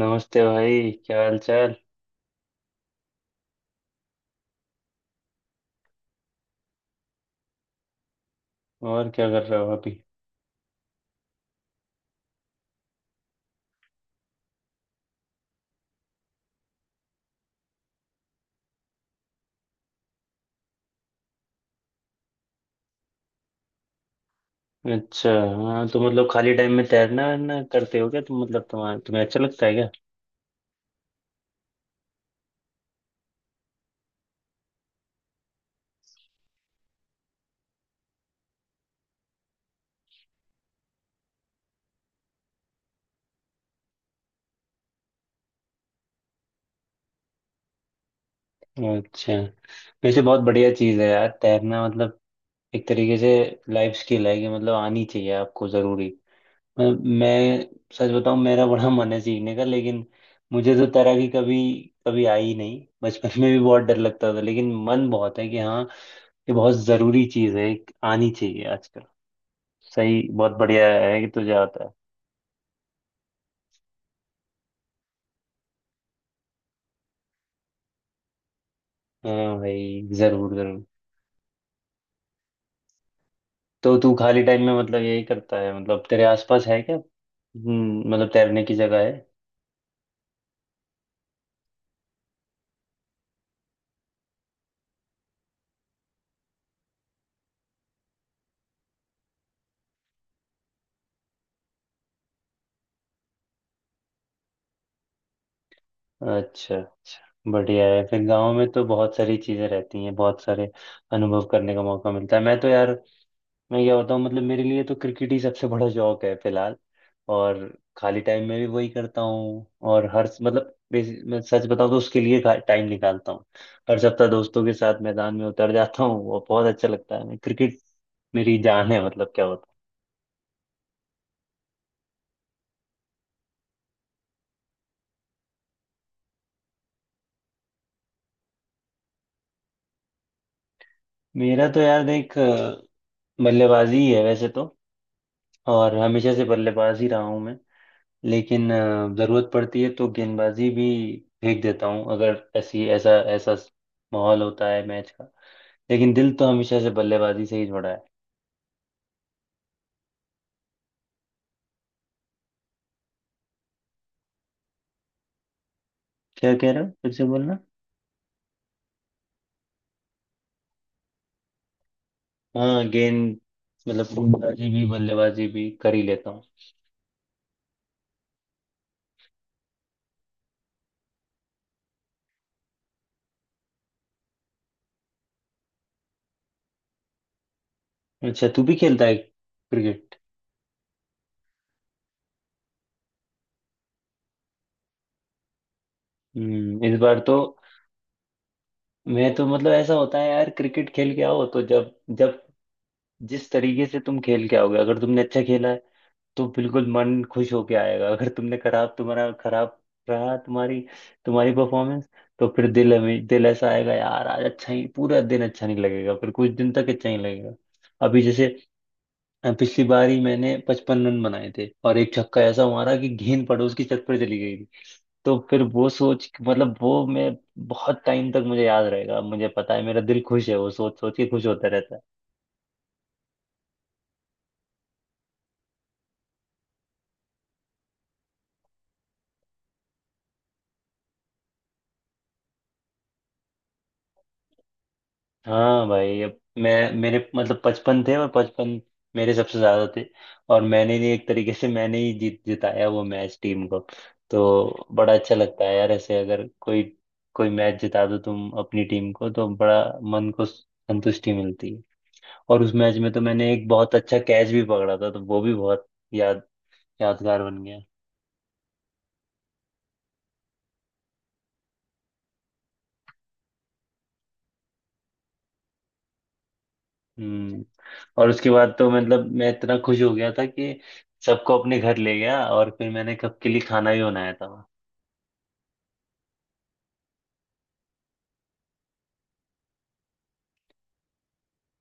नमस्ते भाई, क्या हाल चाल। और क्या कर रहे हो अभी। अच्छा। हाँ, तो मतलब खाली टाइम में तैरना वैरना करते हो क्या तुम, मतलब तुम्हारा तुम्हें अच्छा लगता है क्या। अच्छा, वैसे बहुत बढ़िया चीज़ है यार तैरना। मतलब एक तरीके से लाइफ स्किल है कि मतलब आनी चाहिए आपको, ज़रूरी। मतलब मैं सच बताऊं, मेरा बड़ा मन है सीखने का, लेकिन मुझे तो तैराकी कभी कभी आई ही नहीं। बचपन में भी बहुत डर लगता था, लेकिन मन बहुत है कि हाँ, ये बहुत ज़रूरी चीज़ है, एक आनी चाहिए आजकल। सही, बहुत बढ़िया है कि तुझे आता है। हाँ भाई, जरूर जरूर। तो तू खाली टाइम में मतलब यही करता है, मतलब तेरे आसपास है क्या, हम्म, मतलब तैरने की जगह है। अच्छा अच्छा, बढ़िया है फिर। गांव में तो बहुत सारी चीजें रहती हैं, बहुत सारे अनुभव करने का मौका मिलता है। मैं तो यार, मैं क्या बताऊँ, मतलब मेरे लिए तो क्रिकेट ही सबसे बड़ा शौक है फिलहाल। और खाली टाइम में भी वही करता हूँ। और हर मतलब मैं सच बताऊँ तो उसके लिए टाइम निकालता हूँ। हर सप्ताह दोस्तों के साथ मैदान में उतर जाता हूँ, वो बहुत अच्छा लगता है। मैं क्रिकेट मेरी जान है, मतलब क्या होता। मेरा तो यार देख, बल्लेबाजी ही है वैसे तो। और हमेशा से बल्लेबाज ही रहा हूँ मैं। लेकिन जरूरत पड़ती है तो गेंदबाजी भी फेंक देता हूँ, अगर ऐसी ऐसा ऐसा माहौल होता है मैच का। लेकिन दिल तो हमेशा से बल्लेबाजी से ही जुड़ा है। क्या कह रहे हो, फिर से बोलना। हाँ गेंद मतलब गेंदबाजी भी बल्लेबाजी भी कर ही लेता हूँ। अच्छा, तू भी खेलता है क्रिकेट। हम्म, इस बार तो मैं तो मतलब, ऐसा होता है यार, क्रिकेट खेल के आओ तो जब जब जिस तरीके से तुम खेल के आओगे, अगर तुमने अच्छा खेला है तो बिल्कुल मन खुश होके आएगा। अगर तुमने खराब तुम्हारा खराब रहा, तुम्हारी तुम्हारी परफॉर्मेंस, तो फिर दिल ऐसा आएगा यार आज, अच्छा ही पूरा दिन अच्छा नहीं लगेगा, फिर कुछ दिन तक अच्छा नहीं लगेगा। अभी जैसे पिछली बार ही मैंने 55 रन बनाए थे और एक छक्का ऐसा मारा कि गेंद पड़ोस की छत पर चली गई थी। तो फिर वो सोच, मतलब वो मैं बहुत टाइम तक मुझे याद रहेगा। मुझे पता है मेरा दिल खुश है, वो सोच सोच के खुश होता रहता है। हाँ भाई, अब मैं मेरे मतलब 55 थे, और 55 मेरे सबसे ज्यादा थे। और मैंने ही एक तरीके से, मैंने ही जीत जिताया वो मैच टीम को। तो बड़ा अच्छा लगता है यार ऐसे, अगर कोई कोई मैच जिता दो तुम अपनी टीम को, तो बड़ा मन को संतुष्टि मिलती है। और उस मैच में तो मैंने एक बहुत अच्छा कैच भी पकड़ा था, तो वो भी बहुत याद यादगार बन गया। हम्म। और उसके बाद तो मतलब मैं इतना खुश हो गया था कि सबको अपने घर ले गया, और फिर मैंने कब के लिए खाना भी बनाया था।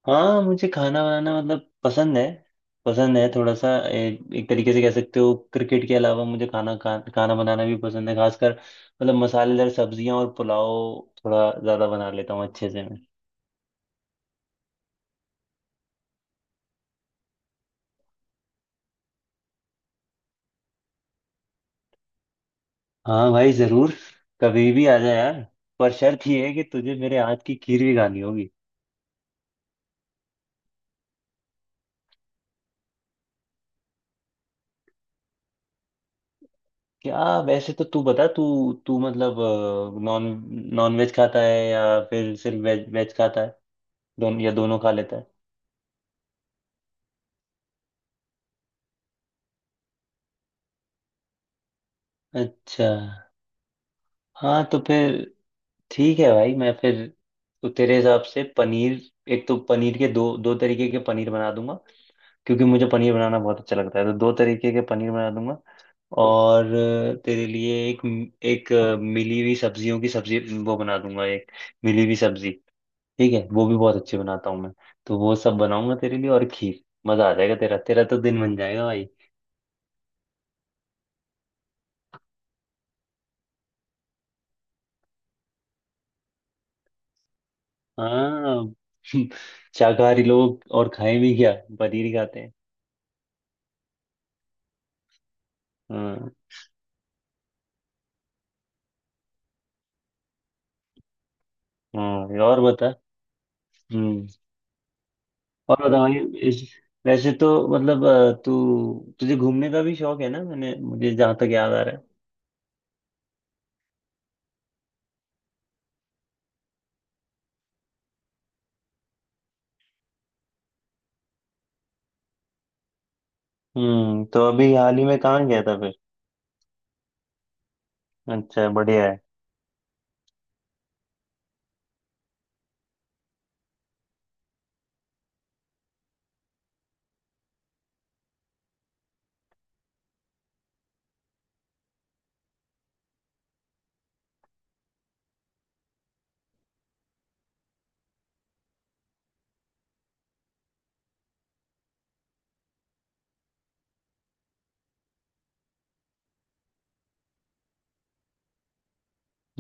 हाँ, मुझे खाना बनाना मतलब पसंद है। पसंद है थोड़ा सा, एक, एक तरीके से कह सकते हो क्रिकेट के अलावा मुझे खाना बनाना भी पसंद है। खासकर मतलब मसालेदार सब्जियां और पुलाव थोड़ा ज्यादा बना लेता हूँ अच्छे से मैं। हाँ भाई जरूर, कभी भी आ जा यार। पर शर्त ये है कि तुझे मेरे हाथ की खीर भी खानी होगी। क्या, वैसे तो तू बता, तू तू मतलब नॉन नॉन वेज खाता है या फिर सिर्फ वेज वेज खाता है, दोनों, या दोनों खा लेता है। अच्छा, हाँ तो फिर ठीक है भाई, मैं फिर तो तेरे हिसाब से पनीर, एक तो पनीर के दो दो तरीके के पनीर बना दूंगा, क्योंकि मुझे पनीर बनाना बहुत अच्छा लगता है, तो दो तरीके के पनीर बना दूंगा। और तेरे लिए एक एक अ, मिली हुई सब्जियों की सब्जी वो बना दूंगा, एक मिली हुई सब्जी, ठीक है। वो भी बहुत अच्छी बनाता हूँ मैं, तो वो सब बनाऊंगा तेरे लिए और खीर। मजा आ जाएगा, तेरा तेरा तो दिन बन जाएगा भाई। हाँ। शाकाहारी लोग और खाए भी क्या, पनीर ही खाते हैं। हाँ। हाँ और बता। हम्म। और बताइए, इस, वैसे तो मतलब अ, तू तुझे घूमने का भी शौक है ना, मैंने मुझे जहाँ तक याद आ रहा है। हम्म, तो अभी हाल ही में कहाँ गया था फिर। अच्छा, बढ़िया है।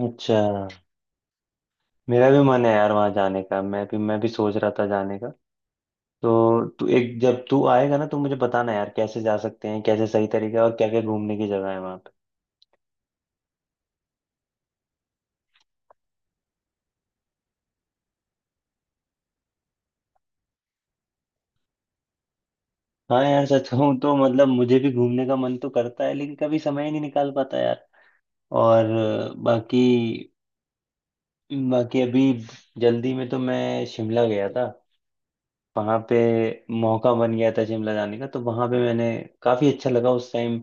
अच्छा, मेरा भी मन है यार वहाँ जाने का, मैं भी सोच रहा था जाने का। तो तू एक, जब तू आएगा ना तो मुझे बताना यार, कैसे जा सकते हैं, कैसे सही तरीका है, और क्या क्या घूमने की जगह है वहाँ पे। हाँ यार, सच कहूँ तो मतलब मुझे भी घूमने का मन तो करता है, लेकिन कभी समय ही नहीं निकाल पाता यार। और बाकी बाकी अभी जल्दी में तो मैं शिमला गया था, वहां पे मौका बन गया था शिमला जाने का, तो वहां पे मैंने काफी अच्छा लगा उस टाइम।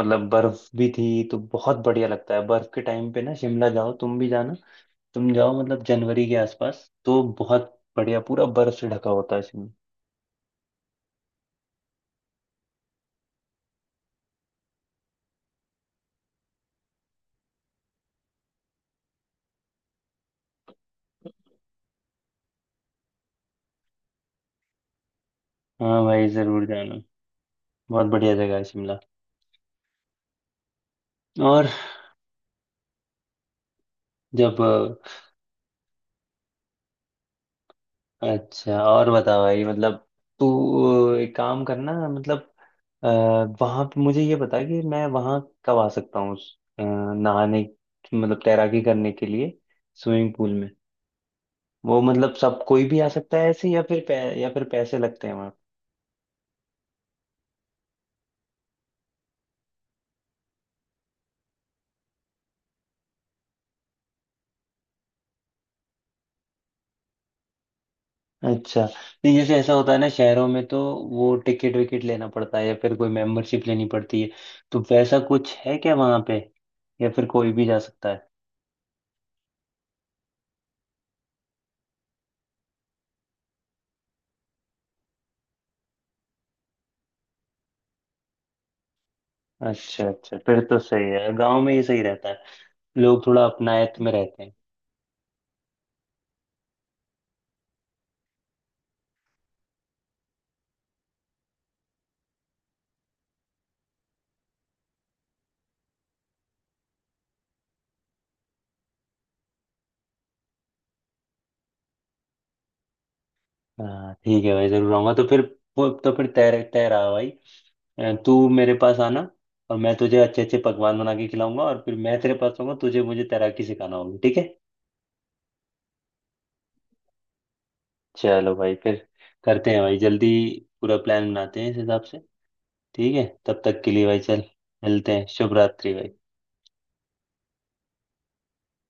मतलब बर्फ भी थी, तो बहुत बढ़िया लगता है बर्फ के टाइम पे ना शिमला, जाओ तुम भी जाना। तुम जाओ मतलब जनवरी के आसपास, तो बहुत बढ़िया पूरा बर्फ से ढका होता है शिमला। हाँ भाई जरूर जाना, बहुत बढ़िया जगह है शिमला। और जब, अच्छा और बता भाई, मतलब तू एक काम करना, मतलब अ, वहाँ पे मुझे ये बता कि मैं वहाँ कब आ सकता हूँ उस, नहाने मतलब तैराकी करने के लिए स्विमिंग पूल में। वो मतलब सब कोई भी आ सकता है ऐसे, या फिर या फिर पैसे लगते हैं वहाँ। अच्छा, नहीं, जैसे ऐसा होता है ना शहरों में, तो वो टिकट विकेट लेना पड़ता है, या फिर कोई मेंबरशिप लेनी पड़ती है, तो वैसा कुछ है क्या वहाँ पे, या फिर कोई भी जा सकता है। अच्छा अच्छा, फिर तो सही है। गांव में ये सही रहता है, लोग थोड़ा अपनायत में रहते हैं। हाँ ठीक है भाई, जरूर आऊंगा तो फिर। तो फिर तय तय रहा भाई, तू मेरे पास आना और मैं तुझे अच्छे अच्छे पकवान बना के खिलाऊंगा, और फिर मैं तेरे पास आऊंगा, तुझे मुझे तैराकी सिखाना होगी, ठीक है। चलो भाई फिर करते हैं भाई जल्दी, पूरा प्लान बनाते हैं इस हिसाब से। ठीक है, तब तक के लिए भाई चल, मिलते हैं। शुभ रात्रि भाई।